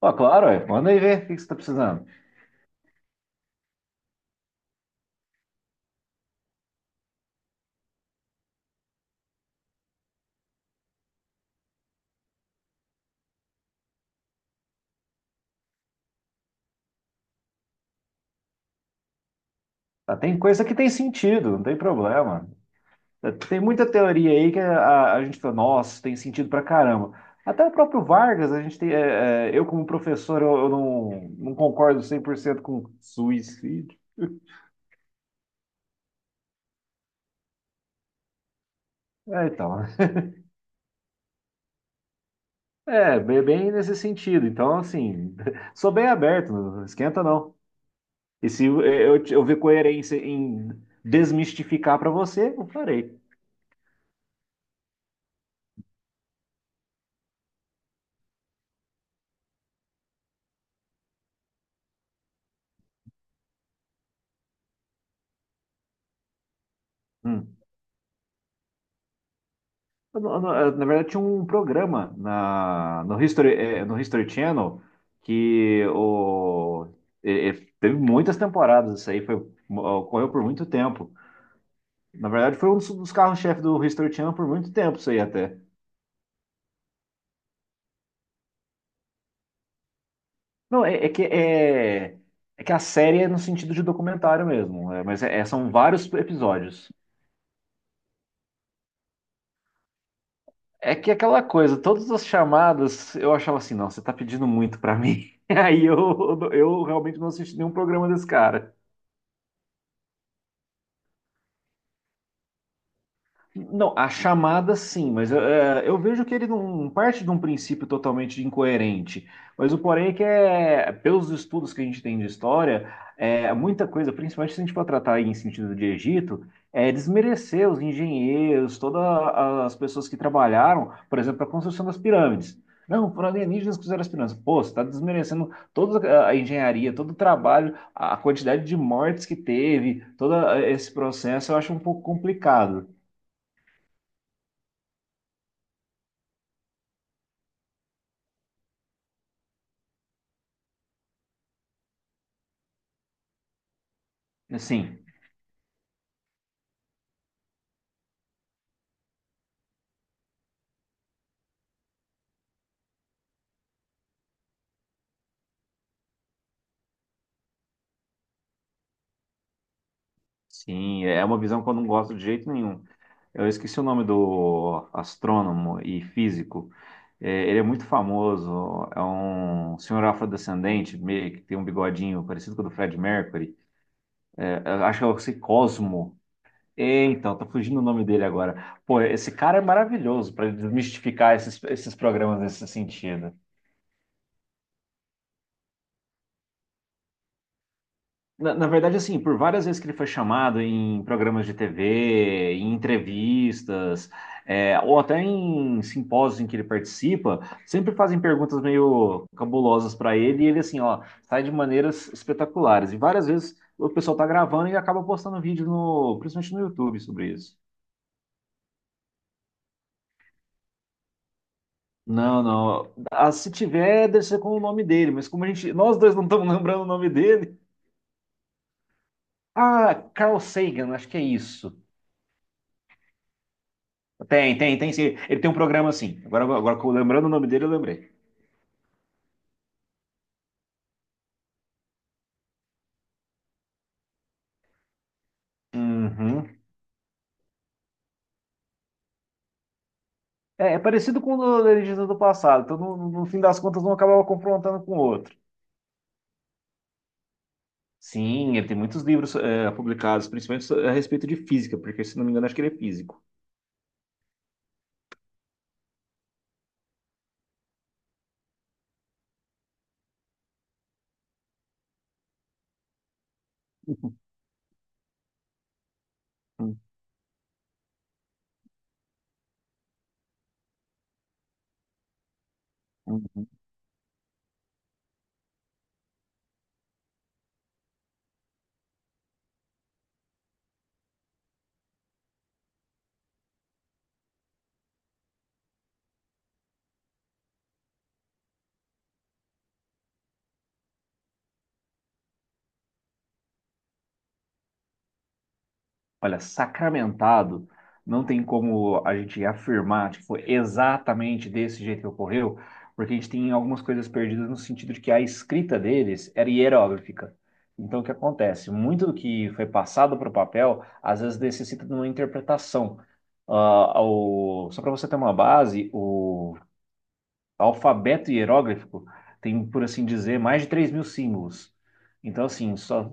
Ó, claro, ué. Manda aí ver o que você tá precisando. Tá, tem coisa que tem sentido, não tem problema. É, tem muita teoria aí que a gente fala, nossa, tem sentido pra caramba. Até o próprio Vargas, a gente tem, eu como professor, eu não concordo 100% com suicídio. É, então, é, bem, bem nesse sentido. Então, assim, sou bem aberto, não esquenta não. E se eu ver coerência em desmistificar pra você, eu farei. Hum. Eu não- eu não- eu, Na verdade, tinha um programa no History, no History Channel que o, eh, eh, teve muitas temporadas. Isso aí foi, ocorreu por muito tempo. Na verdade, foi um dos carros-chefe do History Channel por muito tempo, isso aí até. Não, é, é que a série é no sentido de documentário mesmo, é, mas são vários episódios. É que aquela coisa, todas as chamadas, eu achava assim, não, você tá pedindo muito pra mim. Aí eu, eu realmente não assisti nenhum programa desse cara. Não, a chamada sim, mas é, eu vejo que ele não parte de um princípio totalmente incoerente. Mas o porém é que é, pelos estudos que a gente tem de história, é, muita coisa, principalmente se a gente for tratar em sentido de Egito, é desmerecer os engenheiros, todas as pessoas que trabalharam, por exemplo, para a construção das pirâmides. Não, foram alienígenas que fizeram as pirâmides. Pô, você está desmerecendo toda a engenharia, todo o trabalho, a quantidade de mortes que teve, todo esse processo, eu acho um pouco complicado. Sim, sim, é uma visão que eu não gosto de jeito nenhum. Eu esqueci o nome do astrônomo e físico. É, ele é muito famoso, é um senhor afrodescendente, meio que tem um bigodinho parecido com o do Fred Mercury. É, eu acho que é o Cosmo. É, então, tá fugindo o nome dele agora. Pô, esse cara é maravilhoso para desmistificar esses programas nesse sentido. Na verdade, assim, por várias vezes que ele foi chamado em programas de TV, em entrevistas, é, ou até em simpósios em que ele participa, sempre fazem perguntas meio cabulosas para ele e ele, assim, ó, sai de maneiras espetaculares. E várias vezes o pessoal tá gravando e acaba postando vídeo no, principalmente no YouTube sobre isso. Não, não. Ah, se tiver, deve ser com o nome dele, mas como a gente, nós dois não estamos lembrando o nome dele. Ah, Carl Sagan, acho que é isso. Tem sim. Ele tem um programa assim. Agora que lembrando o nome dele, eu lembrei. Uhum. É, é parecido com o do Legenda do Passado. Então, no fim das contas, um acabava confrontando com o outro. Sim, ele tem muitos livros é, publicados, principalmente a respeito de física, porque, se não me engano, acho que ele é físico. Olha, sacramentado, não tem como a gente afirmar, tipo, exatamente desse jeito que ocorreu, porque a gente tem algumas coisas perdidas no sentido de que a escrita deles era hieróglifica. Então, o que acontece? Muito do que foi passado para o papel, às vezes necessita de uma interpretação. Só para você ter uma base, o alfabeto hieróglifico tem, por assim dizer, mais de 3 mil símbolos. Então, assim, só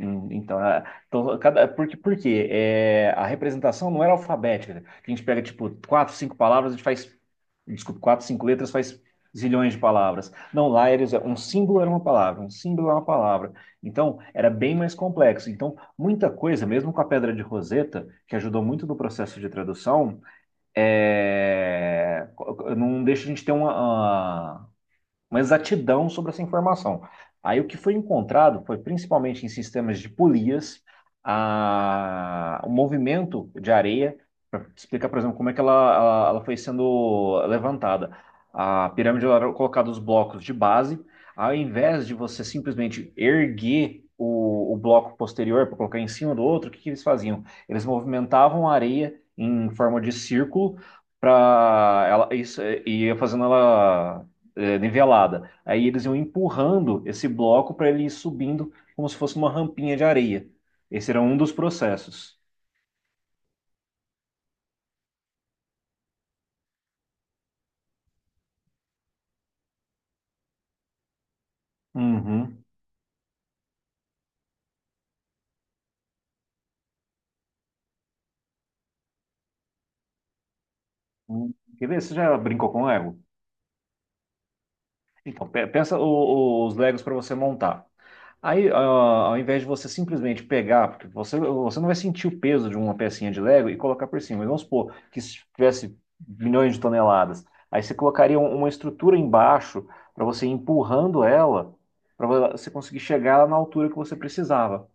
hum, então, então, cada, porque é, a representação não era alfabética, né? A gente pega, tipo, quatro, cinco palavras, a gente faz, desculpa, quatro, cinco letras, faz zilhões de palavras. Não, lá eles, um símbolo era uma palavra, um símbolo era uma palavra. Então, era bem mais complexo. Então, muita coisa, mesmo com a Pedra de Roseta, que ajudou muito no processo de tradução, é, não deixa a gente ter uma, ah, uma exatidão sobre essa informação. Aí o que foi encontrado foi principalmente em sistemas de polias, a, o movimento de areia, para explicar, por exemplo, como é que ela foi sendo levantada. A pirâmide era colocada os blocos de base, ao invés de você simplesmente erguer o bloco posterior para colocar em cima do outro, que eles faziam? Eles movimentavam a areia em forma de círculo para ela isso, e ia fazendo ela é, nivelada. Aí eles iam empurrando esse bloco para ele ir subindo como se fosse uma rampinha de areia. Esse era um dos processos. Uhum. Hum. Quer ver? Você já brincou com Lego? Então, pensa os Legos para você montar. Aí, ah, ao invés de você simplesmente pegar, porque você não vai sentir o peso de uma pecinha de Lego e colocar por cima. Mas vamos supor que se tivesse milhões de toneladas, aí você colocaria uma estrutura embaixo para você ir empurrando ela, para você conseguir chegar na altura que você precisava.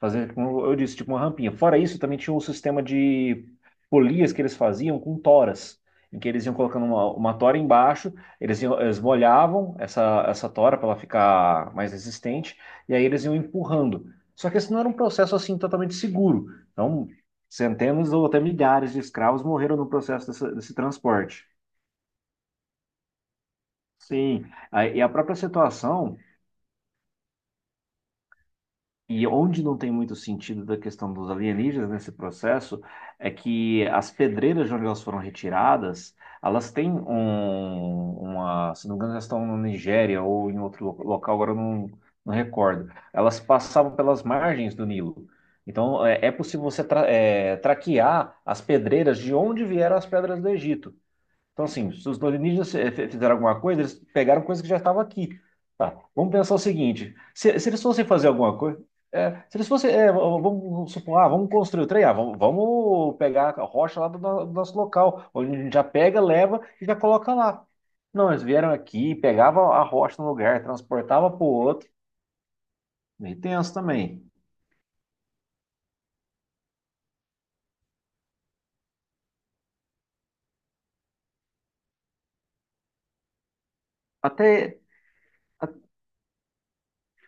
Fazer, como eu disse, tipo uma rampinha. Fora isso, também tinha um sistema de polias que eles faziam com toras, em que eles iam colocando uma tora embaixo, eles, eles molhavam essa tora para ela ficar mais resistente, e aí eles iam empurrando. Só que esse não era um processo assim totalmente seguro. Então, centenas ou até milhares de escravos morreram no processo desse transporte. Sim, aí, e a própria situação. E onde não tem muito sentido da questão dos alienígenas nesse processo é que as pedreiras de onde elas foram retiradas, elas têm um, uma, se não me engano, elas estão na Nigéria ou em outro local, agora eu não, não recordo. Elas passavam pelas margens do Nilo. Então é, é possível você traquear as pedreiras de onde vieram as pedras do Egito. Então, assim, se os alienígenas fizeram alguma coisa, eles pegaram coisa que já estava aqui. Tá, vamos pensar o seguinte: se eles fossem fazer alguma coisa, eh, se eles fossem, eh, v- vamos supor, ah, vamos construir o trem, ah, vamos pegar a rocha lá do, no- do nosso local, onde a gente já pega, leva e já coloca lá. Não, eles vieram aqui, pegavam a rocha no lugar, transportava para o outro, meio tenso também. Até,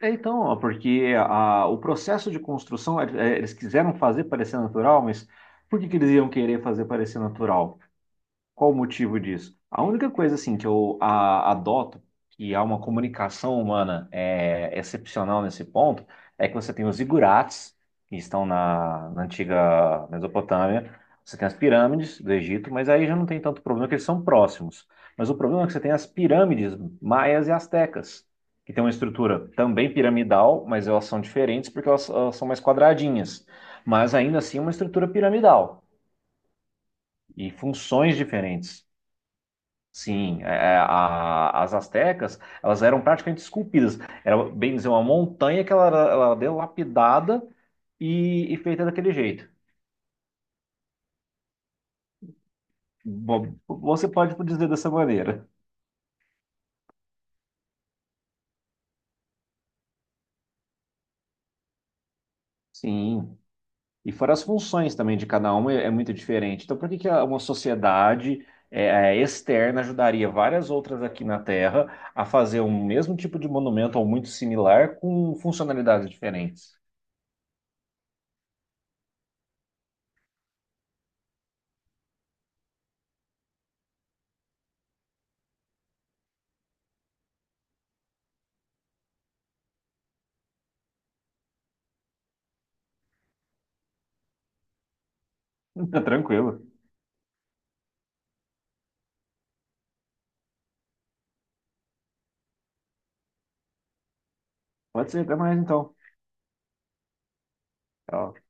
é, então, ó, porque o processo de construção, eles quiseram fazer parecer natural, mas por que que eles iam querer fazer parecer natural? Qual o motivo disso? A única coisa assim que eu adoto, que há uma comunicação humana é, excepcional nesse ponto, é que você tem os zigurates, que estão na antiga Mesopotâmia, você tem as pirâmides do Egito, mas aí já não tem tanto problema, que eles são próximos. Mas o problema é que você tem as pirâmides maias e astecas, que tem uma estrutura também piramidal, mas elas são diferentes porque elas são mais quadradinhas, mas ainda assim é uma estrutura piramidal e funções diferentes. Sim, as astecas, elas eram praticamente esculpidas. Era, bem dizer, uma montanha que ela deu lapidada e feita daquele jeito. Você pode dizer dessa maneira. Sim. E fora as funções também de cada uma, é é muito diferente. Então, por que que uma sociedade externa ajudaria várias outras aqui na Terra a fazer o mesmo tipo de monumento ou muito similar com funcionalidades diferentes? Tá, tranquilo. Pode ser, até mais então. Tchau.